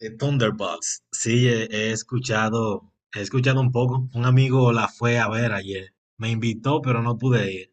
Thunderbolts. Sí, he escuchado un poco. Un amigo la fue a ver ayer. Me invitó, pero no pude ir.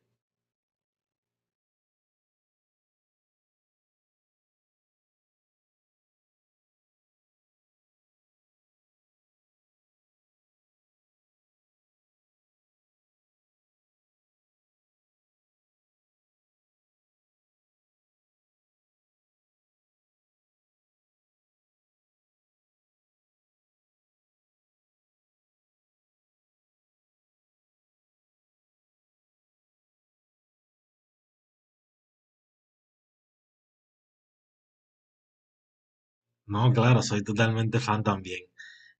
No, claro, soy totalmente fan también.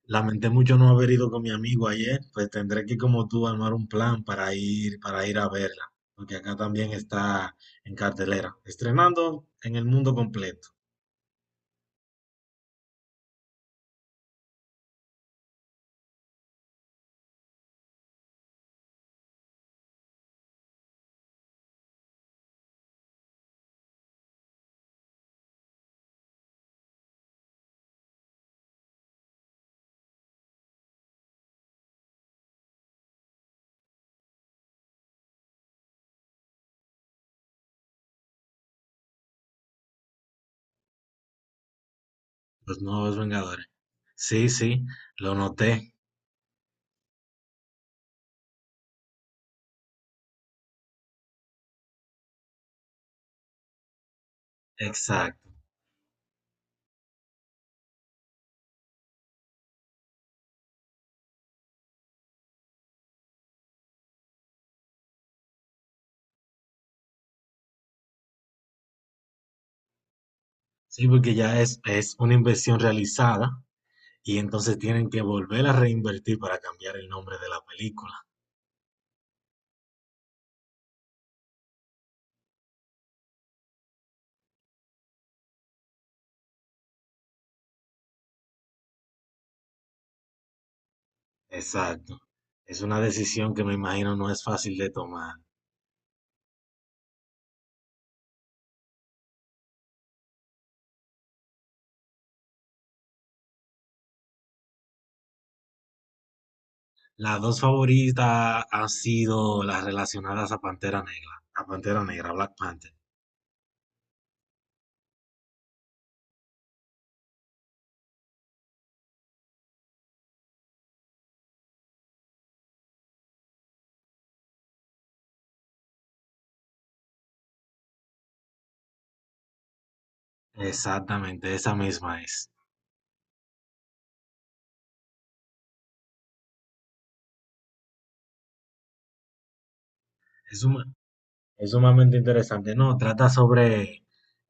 Lamenté mucho no haber ido con mi amigo ayer, pues tendré que, como tú, armar un plan para ir a verla, porque acá también está en cartelera, estrenando en el mundo completo, los nuevos Vengadores. Sí, sí, lo noté. Exacto. Sí, porque ya es una inversión realizada. Y entonces tienen que volver a reinvertir para cambiar el nombre de la película. Exacto. Es una decisión que me imagino no es fácil de tomar. Las dos favoritas han sido las relacionadas a Pantera Negra, Black Panther. Exactamente, esa misma es. Es un- Es sumamente interesante, ¿no? Trata sobre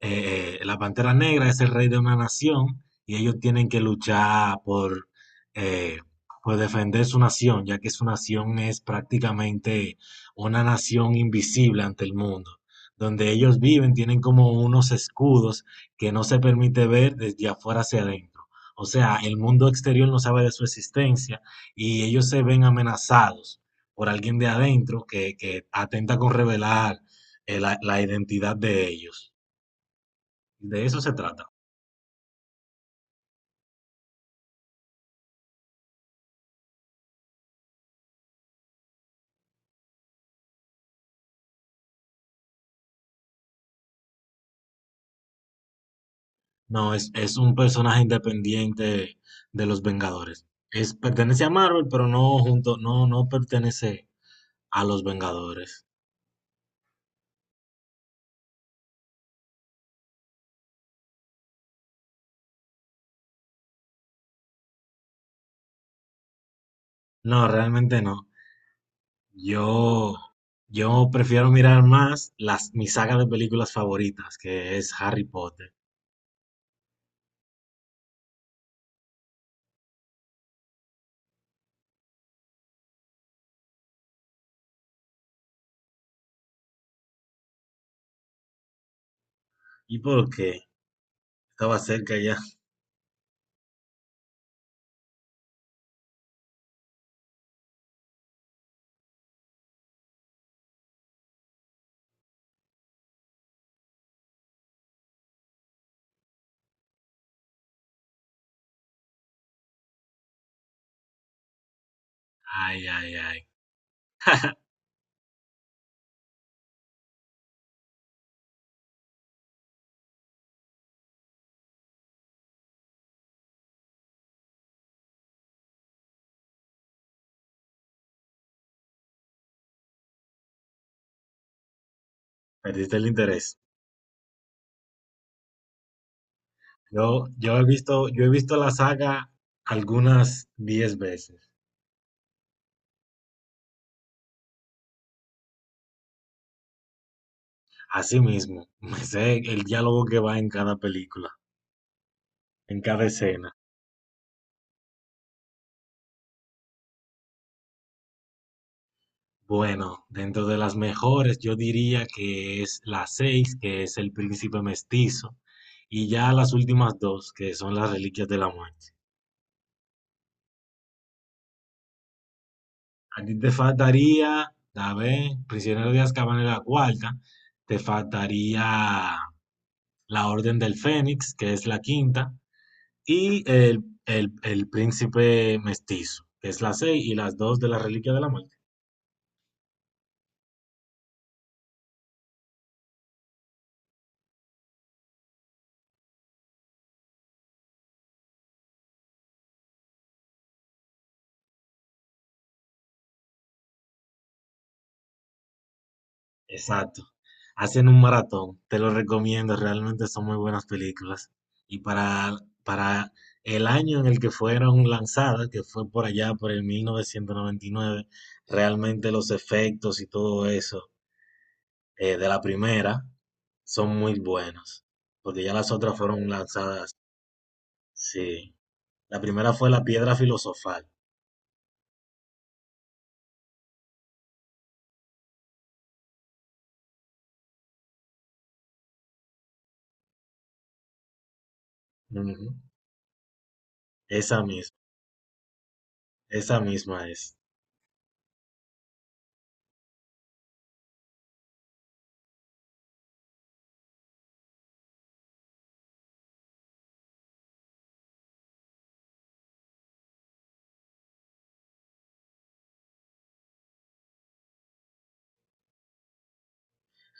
la Pantera Negra, es el rey de una nación y ellos tienen que luchar eh, por defender su nación, ya que su nación es prácticamente una nación invisible ante el mundo. Donde ellos viven tienen como unos escudos que no se permite ver desde afuera hacia adentro. O sea, el mundo exterior no sabe de su existencia y ellos se ven amenazados por alguien de adentro que atenta con revelar la identidad de ellos. De eso se trata. No, es un personaje independiente de los Vengadores. Es, pertenece a Marvel, pero no junto, no pertenece a los Vengadores. No, realmente no. Yo, yo prefiero mirar más las, mi saga de películas favoritas, que es Harry Potter. ¿Y por qué? Estaba cerca ya. Ay, ay, ay. Perdiste el interés. Yo he visto la saga algunas 10 veces. Así mismo, me sé el diálogo que va en cada película, en cada escena. Bueno, dentro de las mejores, yo diría que es la 6, que es el príncipe mestizo, y ya las últimas dos, que son las reliquias de la muerte. A ti te faltaría, a ver, prisionero de Azkaban es la cuarta, te faltaría la Orden del Fénix, que es la quinta, y el príncipe mestizo, que es la 6 y las dos de la reliquia de la muerte. Exacto. Hacen un maratón, te lo recomiendo, realmente son muy buenas películas. Y para el año en el que fueron lanzadas, que fue por allá, por el 1999, realmente los efectos y todo eso, de la primera son muy buenos, porque ya las otras fueron lanzadas, sí. La primera fue La Piedra Filosofal. Ujú. Esa misma, esa misma es.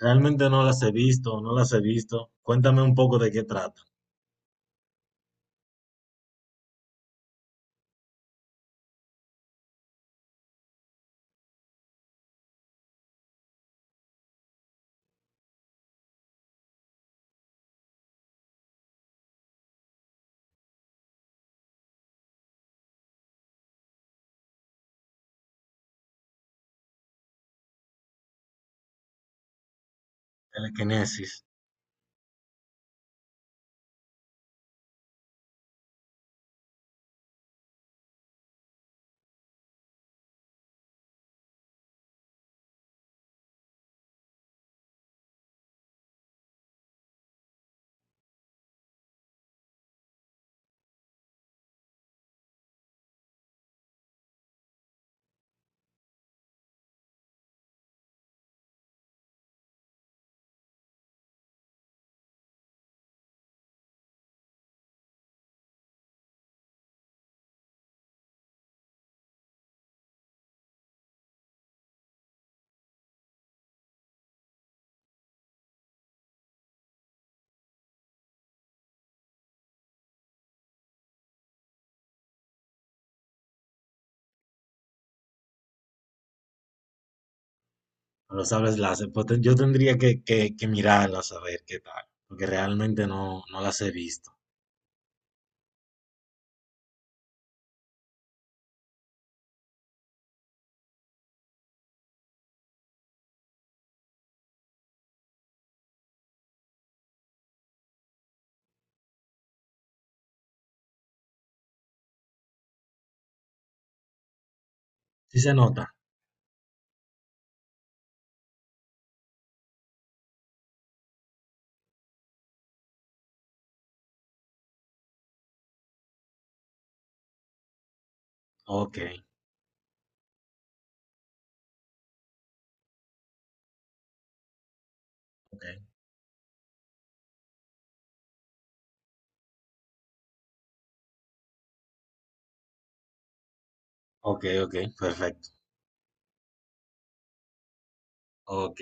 Realmente no las he visto. Cuéntame un poco de qué trata. Telequinesis. Pero sabes las, pues, te- yo tendría que mirarlas a ver qué tal, porque realmente no las he visto. ¿Sí se nota? Ok, ok, ok, ok, perfecto. Ok.